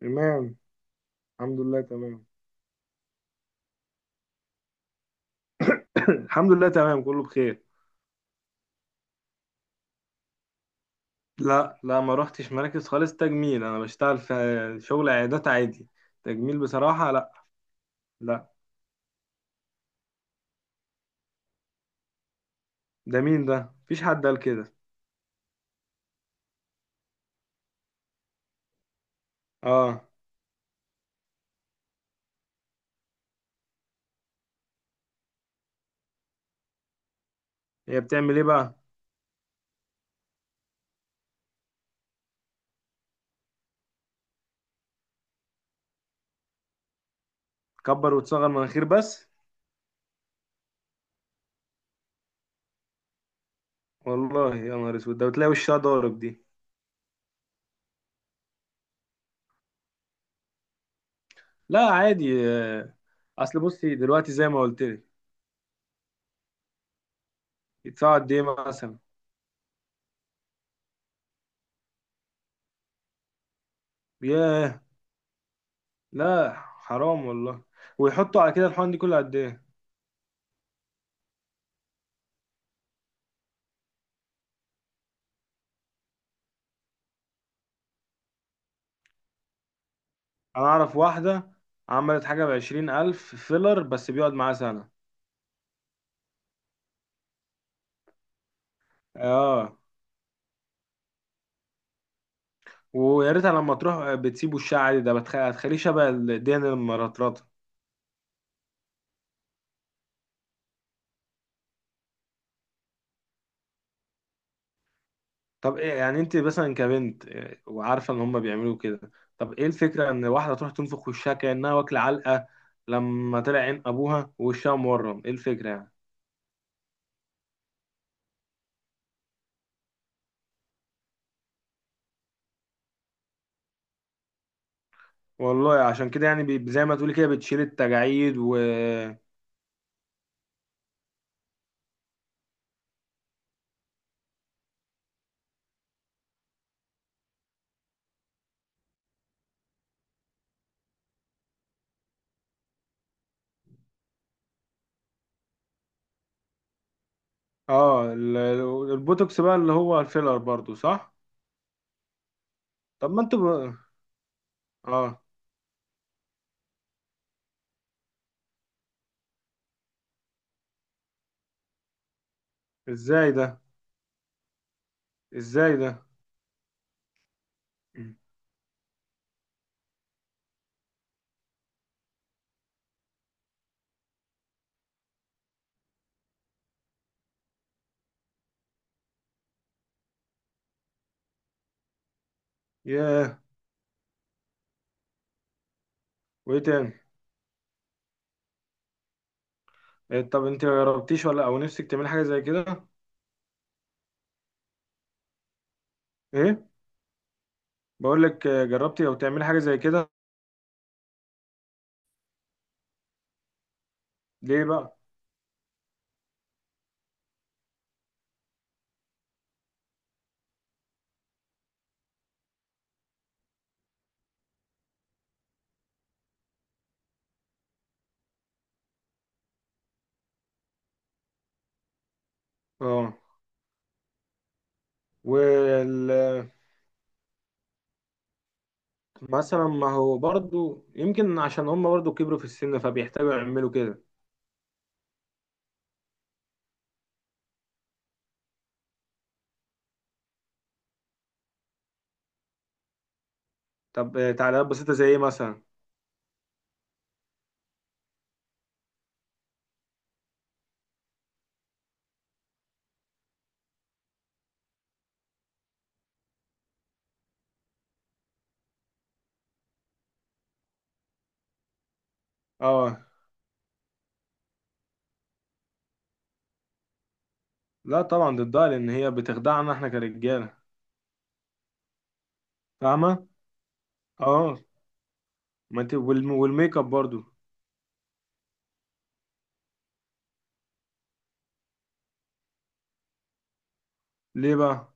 تمام. الحمد لله تمام. الحمد لله تمام، كله بخير. لا لا، ما روحتش مراكز خالص تجميل، انا بشتغل في شغل عيادات عادي. تجميل بصراحة لا. لا، ده مين ده؟ مفيش حد قال كده. اه. هي بتعمل ايه بقى؟ كبر وتصغر مناخير بس؟ والله يا نهار اسود، ده وتلاقي وشها ضارب دي. لا عادي آه. اصل بصي دلوقتي زي ما قلت لك. يدفعوا قد ايه مثلا؟ ياه. لا حرام والله. ويحطوا على كده الحقن دي كل قد ايه؟ انا اعرف واحدة عملت حاجة ب20 الف فيلر بس بيقعد معاها سنة. اه. ويا ريتها لما تروح بتسيبه الشعر عادي، ده هتخليه شبه الدين المرطرطة. طب إيه يعني، انت مثلا كبنت وعارفة ان هما بيعملوا كده؟ طب ايه الفكرة ان واحدة تروح تنفخ وشها كأنها واكلة علقة؟ لما طلع عين ابوها ووشها مورم، ايه الفكرة يعني؟ والله عشان كده يعني زي ما تقولي كده بتشيل التجاعيد و، اه. البوتوكس بقى اللي هو الفيلر برضو صح؟ طب ما انتوا بقى- اه. ازاي ده؟ ازاي ده؟ ياه. وايه تاني؟ طب انت ما جربتيش ولا او نفسك تعملي حاجه زي كده؟ ايه؟ بقول لك جربتي او تعملي حاجه زي كده؟ ليه بقى؟ اه. وال مثلا ما هو برضو يمكن عشان هم برضو كبروا في السن فبيحتاجوا يعملوا كده. طب تعليقات بسيطه زي ايه مثلا؟ اه. لا طبعا ضدها، لان هي بتخدعنا احنا كرجاله. فاهمه. اه. ما انت والميك اب برضو. ليه بقى؟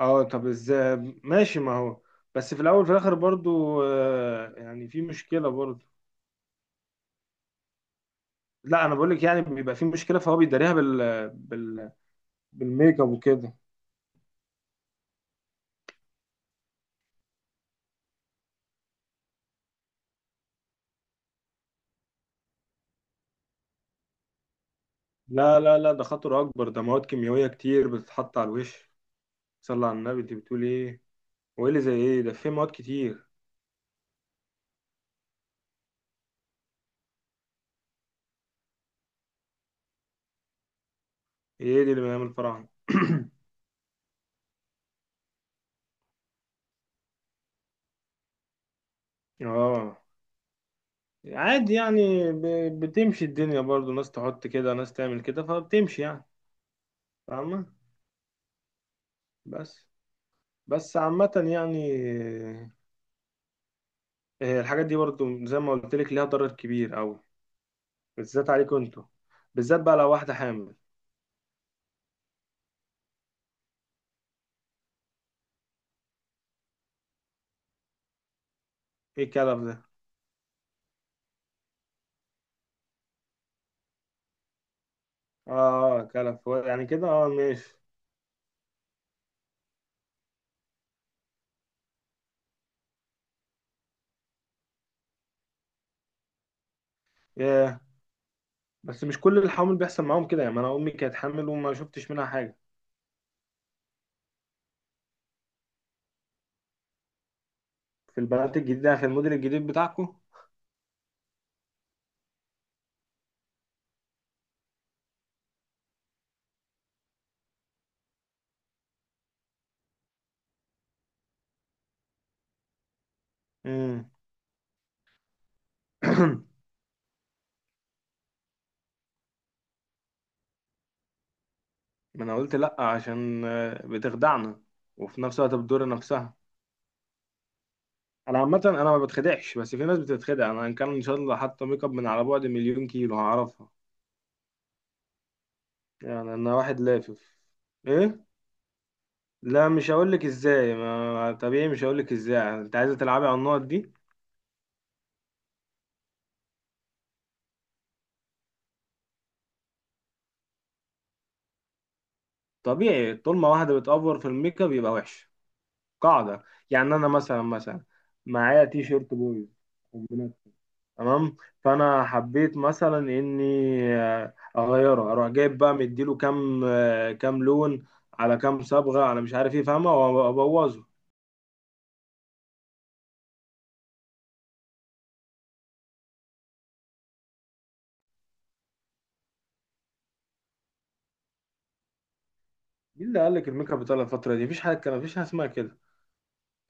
اه. طب ازاي؟ ماشي، ما هو بس في الاول وفي الاخر برضو يعني في مشكله برضو. لا انا بقول لك يعني بيبقى في مشكله، فهو بيداريها بال بالميك اب وكده. لا لا لا، ده خطر اكبر، ده مواد كيميائيه كتير بتتحط على الوش. صلى على النبي، انت بتقول ايه؟ وايه اللي زي ايه ده؟ في مواد كتير. ايه دي اللي بنعمل فراعنه؟ اه. عادي يعني، بتمشي الدنيا برضو، ناس تحط كده ناس تعمل كده، فبتمشي يعني. فاهمه. بس. بس عامه يعني، الحاجات دي برضو زي ما قلت لك ليها ضرر كبير قوي. بالذات عليكم انتوا، بالذات بقى لو واحده حامل. ايه الكلف ده؟ اه كلف، هو يعني كده، اه ماشي. ياه. بس مش كل الحوامل بيحصل معاهم كده، يعني انا امي كانت حامل وما شفتش منها حاجه. في البنات الجديده، في الموديل الجديد بتاعكم. امم. ما انا قلت لا عشان بتخدعنا، وفي نفس الوقت بتضر نفسها. انا عامه انا ما بتخدعش، بس في ناس بتتخدع. انا ان كان ان شاء الله حاطه ميك اب من على بعد مليون كيلو هعرفها. يعني انا واحد لافف. ايه؟ لا مش هقول لك ازاي، ما طبيعي مش هقول لك ازاي، انت عايزه تلعبي على النقط دي. طبيعي، طول ما واحده بتأفور في الميك اب يبقى وحش. قاعده. يعني انا مثلا، مثلا معايا تي شيرت بويز، كومبينات، تمام. فانا حبيت مثلا اني اغيره، اروح جايب بقى مديله كام كام لون، على كام صبغه، على مش عارف ايه، فاهمه؟ وابوظه. مين اللي قال لك الميك اب بتاع الفتره دي؟ مفيش حاجه، مفيش حاجه اسمها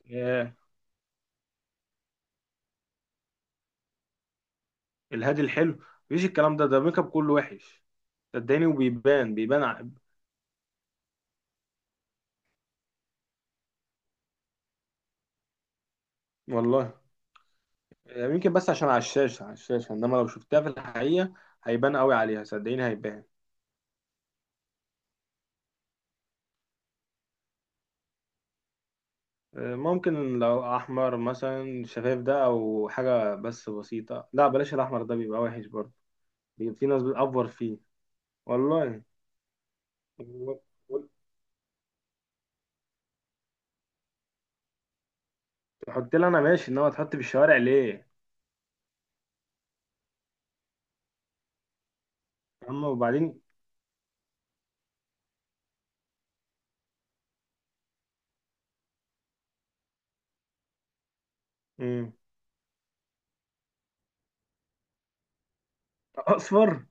كده الهادي الحلو. مفيش الكلام ده، ده الميك اب كله وحش. صدقني وبيبان، والله. يعني يمكن بس عشان على الشاشة، على الشاشة، انما لو شفتها في الحقيقة هيبان قوي عليها صدقيني، هيبان. ممكن لو احمر مثلا شفايف ده او حاجة بس بسيطة. لا بلاش الاحمر ده، بيبقى وحش برضه، بيبقى في ناس بتأفور فيه. والله. و- و- تحط لي انا ماشي، انما تحط في الشوارع ليه؟ اما وبعدين. مم. اصفر؟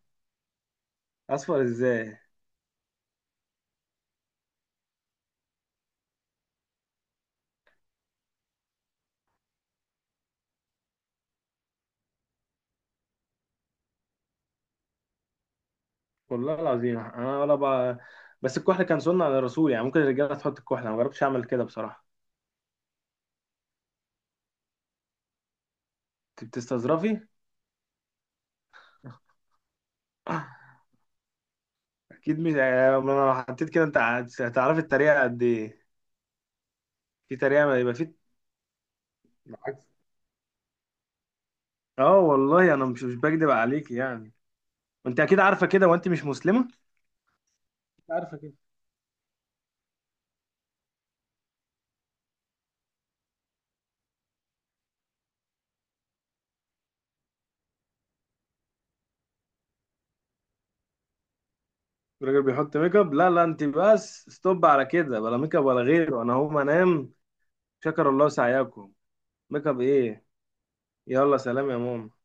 اصفر ازاي؟ والله العظيم انا ولا بقى. بس الكحل كان سنة على الرسول، يعني ممكن الرجالة تحط الكحل، انا ما جربتش اعمل كده بصراحة. انت بتستظرفي؟ اكيد مش يعني انا، لو حطيت كده انت هتعرفي التريقة قد ايه. في تريقة يبقى، في. بالعكس. اه والله انا مش بكدب عليك يعني، انت اكيد عارفة كده وانت مش مسلمة. أكيد عارفة كده. الراجل بيحط ميك اب؟ لا لا، انت بس ستوب على كده، بلا ميك اب ولا غيره، انا هقوم انام. شكر الله سعيكم. ميك اب ايه؟ يلا سلام يا ماما.